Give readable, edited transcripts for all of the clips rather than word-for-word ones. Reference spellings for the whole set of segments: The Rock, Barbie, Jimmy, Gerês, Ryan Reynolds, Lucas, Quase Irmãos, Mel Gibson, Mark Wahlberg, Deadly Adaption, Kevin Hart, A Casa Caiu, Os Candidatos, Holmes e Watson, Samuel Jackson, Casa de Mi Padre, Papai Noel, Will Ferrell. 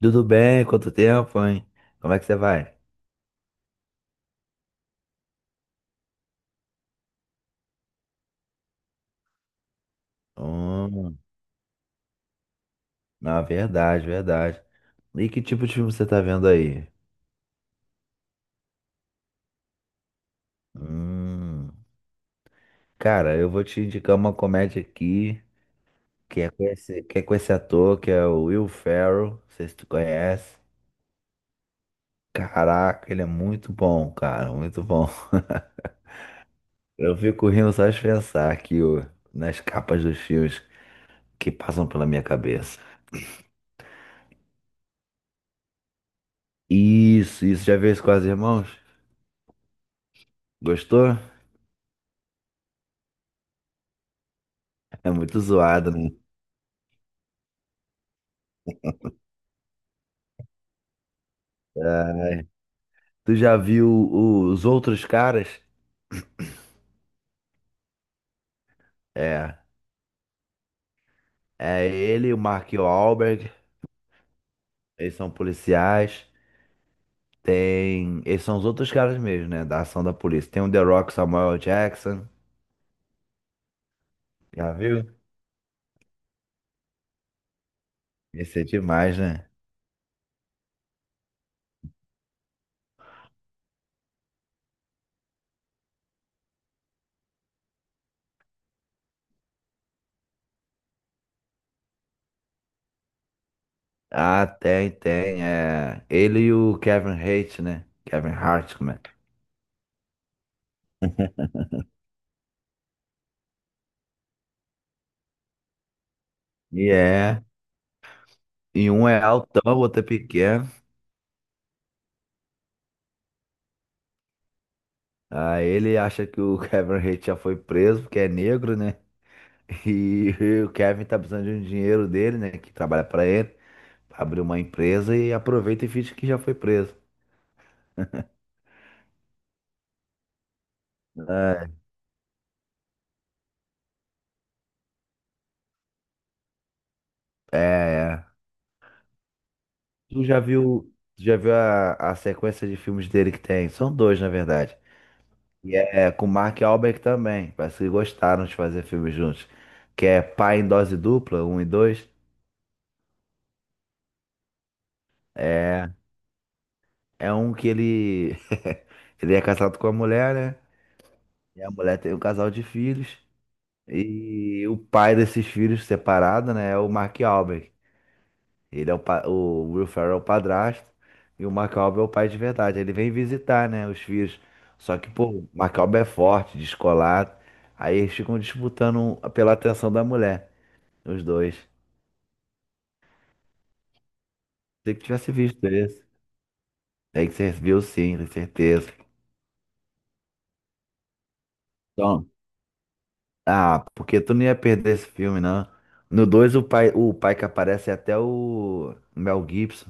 Tudo bem? Quanto tempo, hein? Como é que você vai? Hum, não, verdade, verdade. E que tipo de filme você tá vendo aí? Hum, Cara, eu vou te indicar uma comédia aqui que é com esse ator, que é o Will Ferrell. Não sei se tu conhece. Caraca, ele é muito bom, cara, muito bom. Eu fico rindo só de pensar aqui, ó, nas capas dos filmes que passam pela minha cabeça. Isso, isso. Já viu isso com as irmãos? Gostou? É muito zoado, né? Tu já viu os outros caras? É. É ele, o Mark Wahlberg. Eles são policiais. Tem. Eles são os outros caras mesmo, né? Da ação da polícia. Tem o The Rock Samuel Jackson. Já viu? Esse é demais, né? Ah, tem, tem. É. Ele e o Kevin Hart, né? Kevin Hart, como é? E é. E um é altão, o outro é pequeno. Aí ele acha que o Kevin Hart já foi preso, porque é negro, né? E o Kevin tá precisando de um dinheiro dele, né? Que trabalha pra ele, pra abrir uma empresa e aproveita e finge que já foi preso. É, é. Tu já viu a, sequência de filmes dele que tem? São dois, na verdade. E é com o Mark Wahlberg também. Parece que gostaram de fazer filmes juntos. Que é Pai em Dose Dupla, um e dois. É, é um que ele, ele é casado com a mulher, né? E a mulher tem um casal de filhos. E o pai desses filhos separado, né, é o Mark Wahlberg. Ele é o, pa- O Will Ferrell é o padrasto e o Mark Wahlberg é o pai de verdade. Ele vem visitar, né, os filhos. Só que, pô, o Mark Wahlberg é forte, descolado. Aí eles ficam disputando um, pela atenção da mulher, os dois. Tem que tivesse visto esse. Tem que você viu sim, com certeza. Então, ah, porque tu não ia perder esse filme, não. No 2 o pai que aparece é até o Mel Gibson.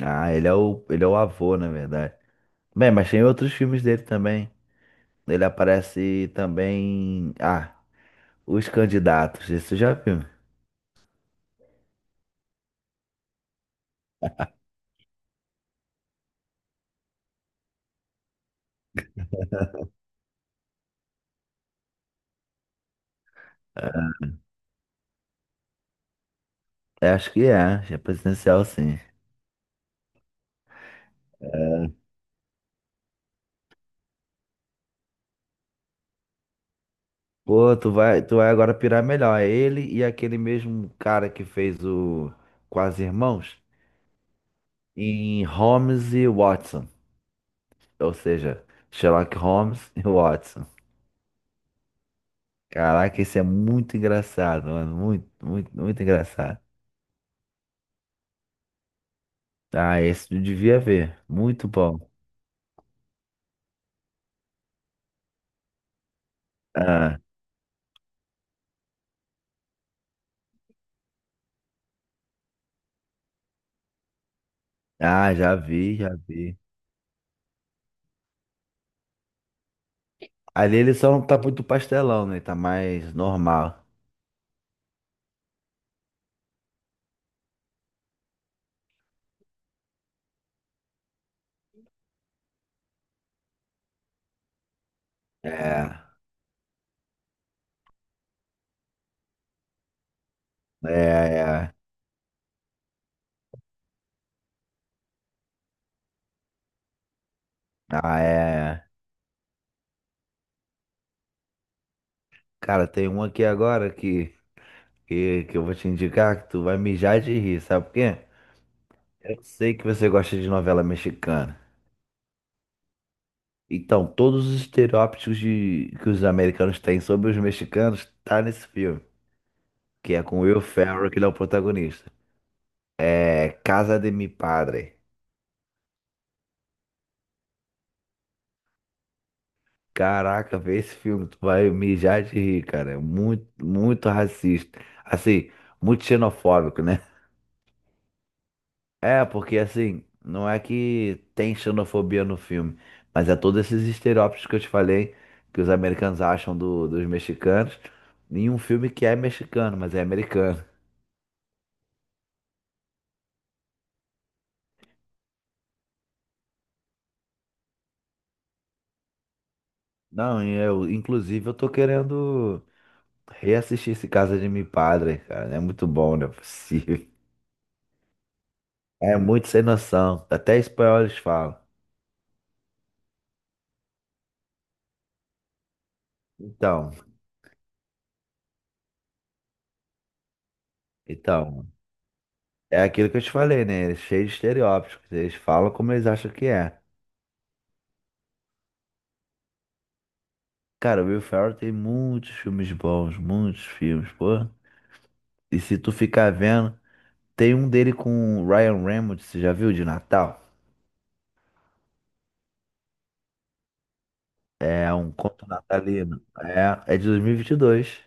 Ah, ele é o avô, na verdade. Bem, mas tem outros filmes dele também. Ele aparece também. Ah, Os Candidatos. Isso já viu? É, acho que é. É presidencial, sim. Pô, tu vai agora pirar melhor. É ele e aquele mesmo cara que fez o Quase Irmãos em Holmes e Watson. Ou seja, Sherlock Holmes e Watson. Caraca, esse é muito engraçado, mano. Muito, muito, muito engraçado. Ah, esse tu devia ver. Muito bom. Ah. Ah, já vi, já vi. Ali ele só não tá muito pastelão, né? Tá mais normal. É, é, é. Ah, é. Cara, tem um aqui agora que eu vou te indicar que tu vai mijar de rir, sabe por quê? Eu sei que você gosta de novela mexicana. Então, todos os estereótipos de, que os americanos têm sobre os mexicanos tá nesse filme, que é com Will Ferrell, que ele é o protagonista. É Casa de Mi Padre. Caraca, vê esse filme, tu vai mijar de rir, cara. É muito, muito racista. Assim, muito xenofóbico, né? É, porque assim, não é que tem xenofobia no filme, mas é todos esses estereótipos que eu te falei, que os americanos acham dos mexicanos, em um filme que é mexicano, mas é americano. Não, e eu, inclusive, eu tô querendo reassistir esse Casa de Mi Padre, cara. É muito bom, não é possível. É muito sem noção. Até espanhol eles falam. Então. Então, é aquilo que eu te falei, né? Eles cheios de estereótipos. Eles falam como eles acham que é. Cara, o Will Ferrell tem muitos filmes bons, muitos filmes, pô. E se tu ficar vendo, tem um dele com o Ryan Reynolds, você já viu, de Natal? É um conto natalino. É, é de 2022.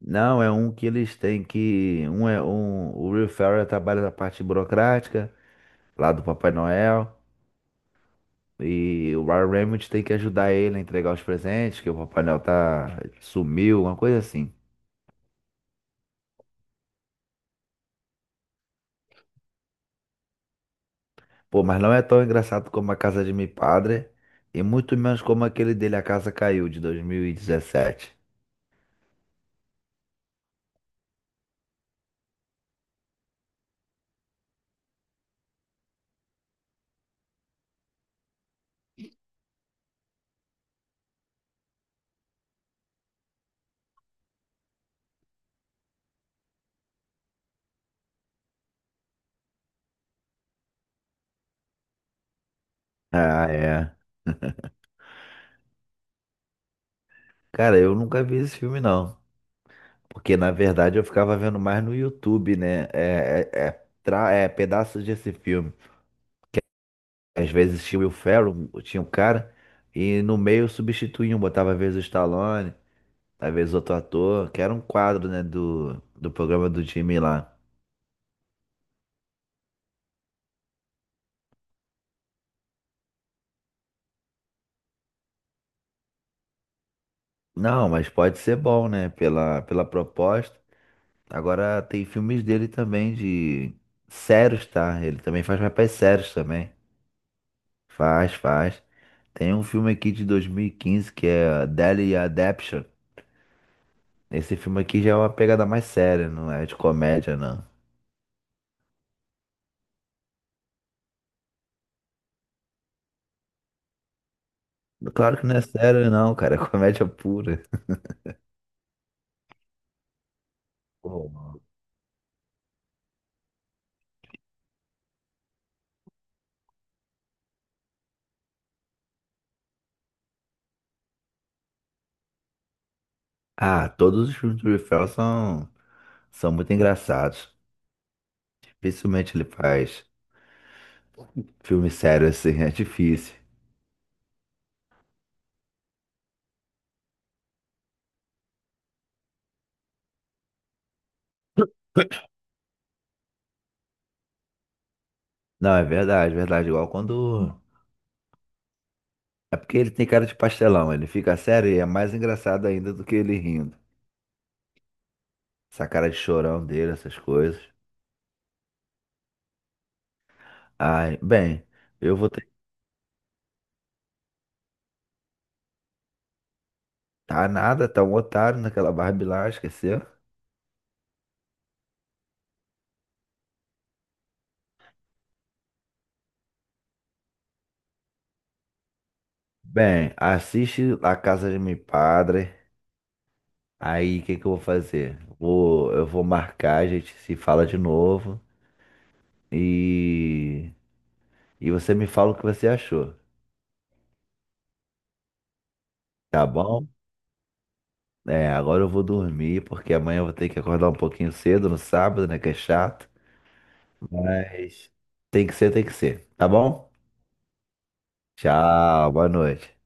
Não, é um que eles têm que. Um é um. O Will Ferrell trabalha na parte burocrática, lá do Papai Noel. E o Ryan Reynolds tem que ajudar ele a entregar os presentes, que o Papai Noel tá sumiu, uma coisa assim. Pô, mas não é tão engraçado como A Casa de Mi Padre, e muito menos como aquele dele A Casa Caiu, de 2017. Ah, é. Cara, eu nunca vi esse filme, não. Porque, na verdade, eu ficava vendo mais no YouTube, né? É pedaços desse filme. Às vezes tinha o Will Ferrell, tinha o cara, e no meio substituíam, botava às vezes o Stallone. Às vezes outro ator, que era um quadro, né, do programa do Jimmy lá. Não, mas pode ser bom, né, pela proposta. Agora tem filmes dele também de sérios, tá? Ele também faz papéis sérios também. Faz, faz. Tem um filme aqui de 2015 que é Deadly Adaption. Esse filme aqui já é uma pegada mais séria, não é de comédia, não. Claro que não é sério, não, cara. É comédia pura. Pô, ah, todos os filmes do Will Ferrell são muito engraçados. Dificilmente ele faz filme sério assim, é difícil. Não, é verdade, é verdade. Igual quando. É porque ele tem cara de pastelão, ele fica sério e é mais engraçado ainda do que ele rindo. Essa cara de chorão dele, essas coisas. Ai, bem, eu vou ter. Tá nada, tá um otário naquela Barbie lá, esqueceu? Bem, assiste La Casa de Mi Padre. Aí, o que que eu vou fazer? Eu vou marcar, a gente se fala de novo e, e você me fala o que você achou, tá bom? É, agora eu vou dormir, porque amanhã eu vou ter que acordar um pouquinho cedo no sábado, né? Que é chato. Mas tem que ser, tem que ser. Tá bom? Tchau, boa noite.